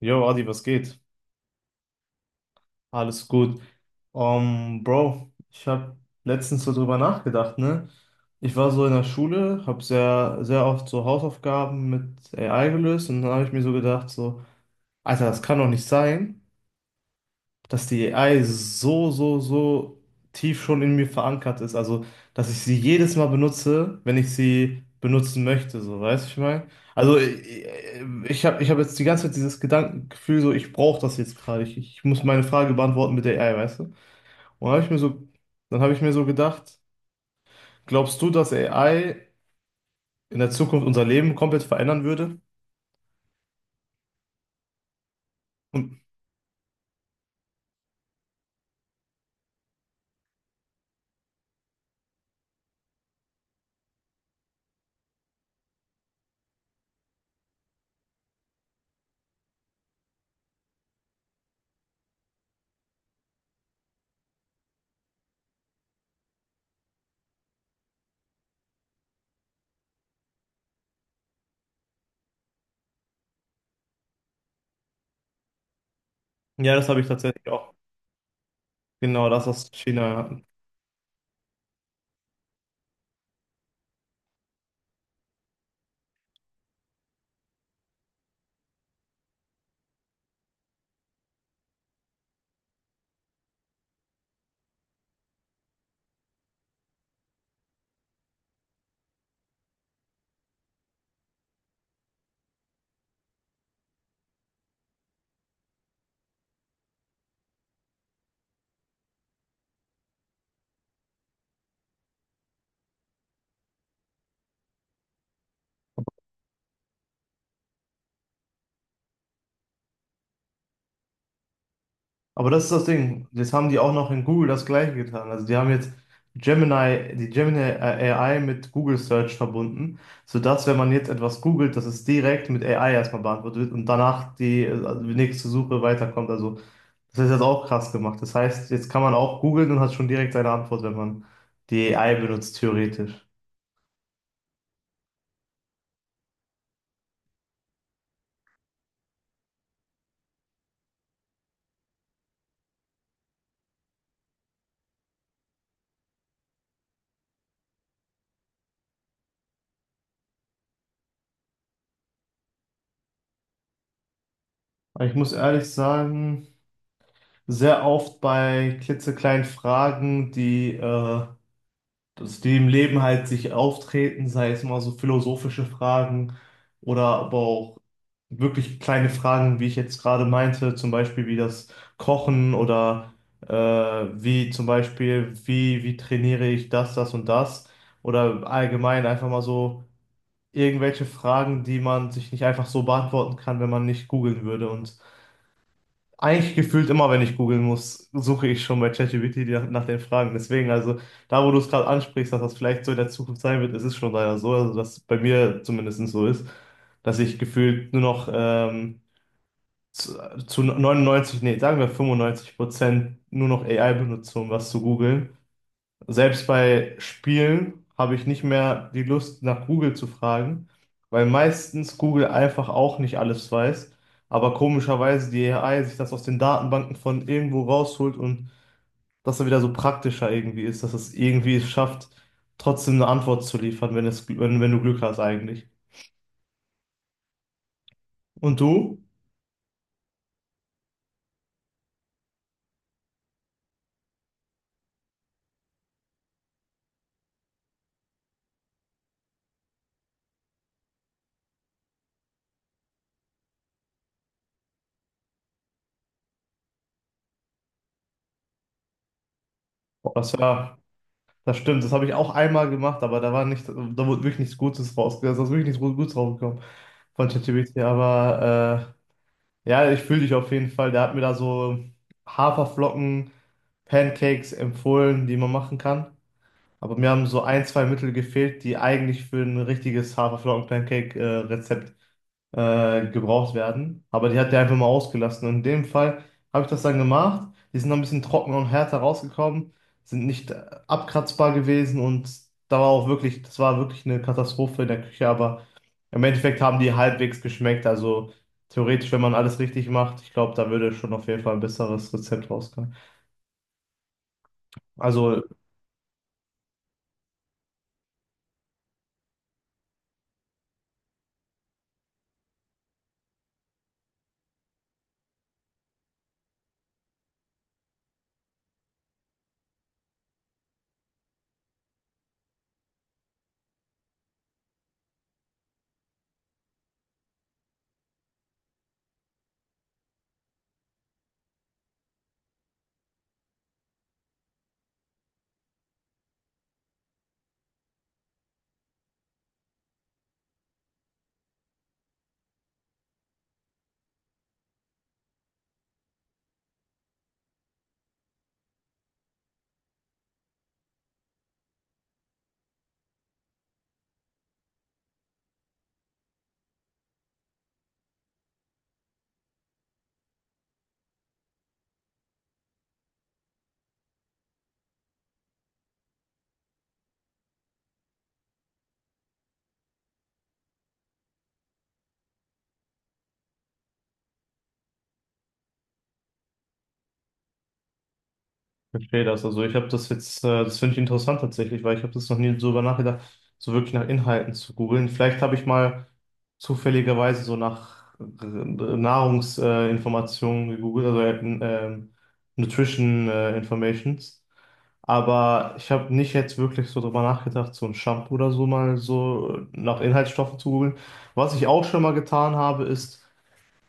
Jo, Adi, was geht? Alles gut. Bro, ich habe letztens so drüber nachgedacht, ne? Ich war so in der Schule, habe sehr, sehr oft so Hausaufgaben mit AI gelöst und dann habe ich mir so gedacht, so, Alter, das kann doch nicht sein, dass die AI so tief schon in mir verankert ist. Also, dass ich sie jedes Mal benutze, wenn ich sie benutzen möchte, so, weißt du, was ich meine? Also, ich hab jetzt die ganze Zeit dieses Gedankengefühl, so, ich brauche das jetzt gerade. Ich muss meine Frage beantworten mit der AI, weißt du? Und dann habe ich mir so, dann habe ich mir so gedacht, glaubst du, dass AI in der Zukunft unser Leben komplett verändern würde? Und ja, das habe ich tatsächlich auch. Genau, das aus China. Aber das ist das Ding. Jetzt haben die auch noch in Google das Gleiche getan. Also die haben jetzt Gemini AI mit Google Search verbunden, sodass, wenn man jetzt etwas googelt, dass es direkt mit AI erstmal beantwortet wird und danach die, also die nächste Suche weiterkommt. Also das ist jetzt auch krass gemacht. Das heißt, jetzt kann man auch googeln und hat schon direkt seine Antwort, wenn man die AI benutzt, theoretisch. Aber ich muss ehrlich sagen, sehr oft bei klitzekleinen Fragen, die dass die im Leben halt sich auftreten, sei es mal so philosophische Fragen oder aber auch wirklich kleine Fragen, wie ich jetzt gerade meinte, zum Beispiel wie das Kochen oder äh, wie zum Beispiel, wie trainiere ich das, das und das oder allgemein einfach mal so irgendwelche Fragen, die man sich nicht einfach so beantworten kann, wenn man nicht googeln würde und eigentlich gefühlt immer, wenn ich googeln muss, suche ich schon bei ChatGPT nach den Fragen. Deswegen, also da, wo du es gerade ansprichst, dass das vielleicht so in der Zukunft sein wird, es ist schon leider so, also dass bei mir zumindest so ist, dass ich gefühlt nur noch zu, zu 99, nee, sagen wir 95% nur noch AI benutze, um was zu googeln. Selbst bei Spielen habe ich nicht mehr die Lust, nach Google zu fragen, weil meistens Google einfach auch nicht alles weiß, aber komischerweise die AI sich das aus den Datenbanken von irgendwo rausholt und das dann wieder so praktischer irgendwie ist, dass es irgendwie es schafft, trotzdem eine Antwort zu liefern, wenn es, wenn du Glück hast eigentlich. Und du? Das war, das stimmt, das habe ich auch einmal gemacht, aber da wurde wirklich nichts Gutes rausgekommen, da ist wirklich nichts Gutes rausgekommen von ChatGPT, aber ja, ich fühle dich auf jeden Fall. Der hat mir da so Haferflocken, Pancakes empfohlen, die man machen kann. Aber mir haben so ein, zwei Mittel gefehlt, die eigentlich für ein richtiges Haferflocken-Pancake-Rezept gebraucht werden. Aber die hat der einfach mal ausgelassen. Und in dem Fall habe ich das dann gemacht. Die sind noch ein bisschen trockener und härter rausgekommen, sind nicht abkratzbar gewesen und da war auch wirklich, das war wirklich eine Katastrophe in der Küche, aber im Endeffekt haben die halbwegs geschmeckt. Also theoretisch, wenn man alles richtig macht, ich glaube, da würde schon auf jeden Fall ein besseres Rezept rauskommen. Also ich verstehe das. Also ich habe das jetzt, das finde ich interessant tatsächlich, weil ich habe das noch nie so über nachgedacht, so wirklich nach Inhalten zu googeln. Vielleicht habe ich mal zufälligerweise so nach Nahrungsinformationen gegoogelt, also ähm, Nutrition Informations. Aber ich habe nicht jetzt wirklich so drüber nachgedacht, so ein Shampoo oder so mal so nach Inhaltsstoffen zu googeln. Was ich auch schon mal getan habe, ist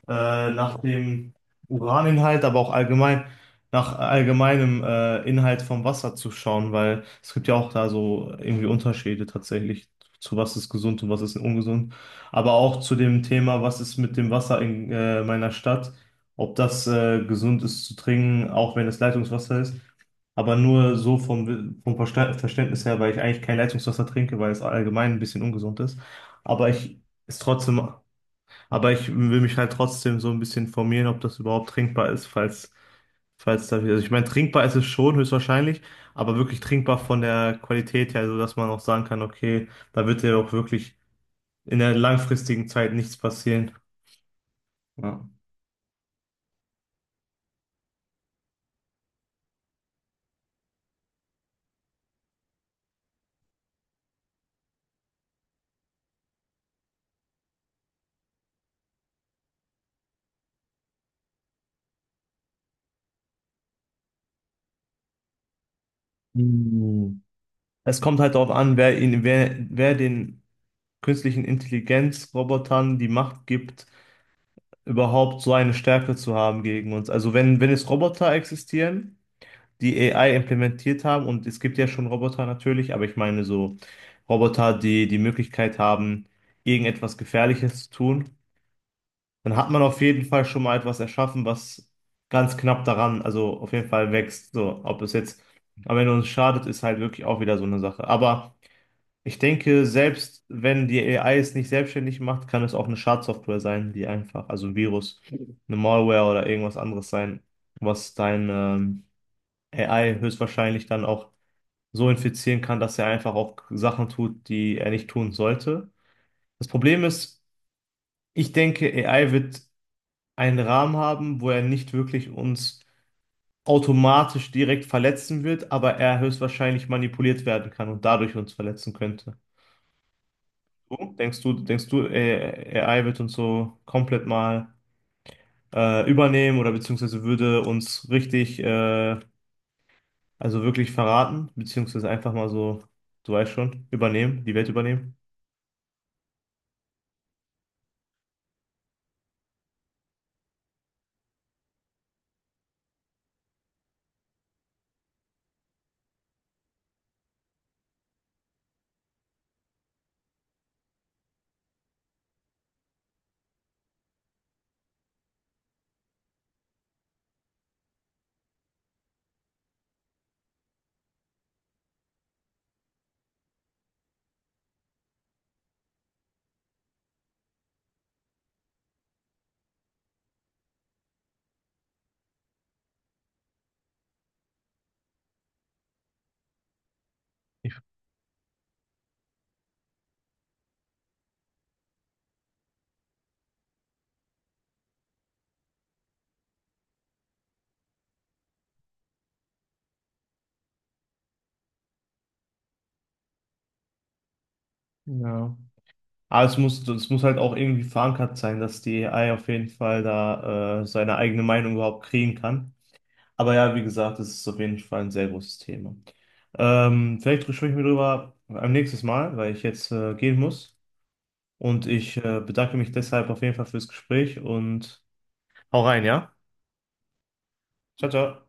nach dem Uraninhalt, aber auch allgemein nach allgemeinem Inhalt vom Wasser zu schauen, weil es gibt ja auch da so irgendwie Unterschiede tatsächlich zu was ist gesund und was ist ungesund. Aber auch zu dem Thema, was ist mit dem Wasser in meiner Stadt, ob das gesund ist zu trinken, auch wenn es Leitungswasser ist. Aber nur so vom, Verständnis her, weil ich eigentlich kein Leitungswasser trinke, weil es allgemein ein bisschen ungesund ist. Aber ich es trotzdem aber ich will mich halt trotzdem so ein bisschen informieren, ob das überhaupt trinkbar ist, falls da, also ich meine, trinkbar ist es schon, höchstwahrscheinlich, aber wirklich trinkbar von der Qualität her, so dass man auch sagen kann, okay, da wird ja auch wirklich in der langfristigen Zeit nichts passieren. Ja. Hm. Es kommt halt darauf an, wer den künstlichen Intelligenzrobotern die Macht gibt, überhaupt so eine Stärke zu haben gegen uns. Also wenn es Roboter existieren, die AI implementiert haben. Und es gibt ja schon Roboter natürlich, aber ich meine so Roboter, die die Möglichkeit haben, irgendetwas Gefährliches zu tun. Dann hat man auf jeden Fall schon mal etwas erschaffen, was ganz knapp daran, also auf jeden Fall wächst. So, ob es jetzt am Ende uns schadet, ist halt wirklich auch wieder so eine Sache. Aber ich denke, selbst wenn die AI es nicht selbstständig macht, kann es auch eine Schadsoftware sein, die einfach, also ein Virus, eine Malware oder irgendwas anderes sein, was dein AI höchstwahrscheinlich dann auch so infizieren kann, dass er einfach auch Sachen tut, die er nicht tun sollte. Das Problem ist, ich denke, AI wird einen Rahmen haben, wo er nicht wirklich uns automatisch direkt verletzen wird, aber er höchstwahrscheinlich manipuliert werden kann und dadurch uns verletzen könnte. Du? Denkst du, AI wird uns so komplett mal übernehmen oder beziehungsweise würde uns richtig, also wirklich verraten, beziehungsweise einfach mal so, du weißt schon, übernehmen, die Welt übernehmen? Ich, ja. Aber es muss halt auch irgendwie verankert sein, dass die AI auf jeden Fall da seine eigene Meinung überhaupt kriegen kann. Aber ja, wie gesagt, es ist auf jeden Fall ein sehr großes Thema. Vielleicht sprechen wir darüber am nächsten Mal, weil ich jetzt gehen muss. Und ich bedanke mich deshalb auf jeden Fall fürs Gespräch und hau rein, ja? Ciao, ciao.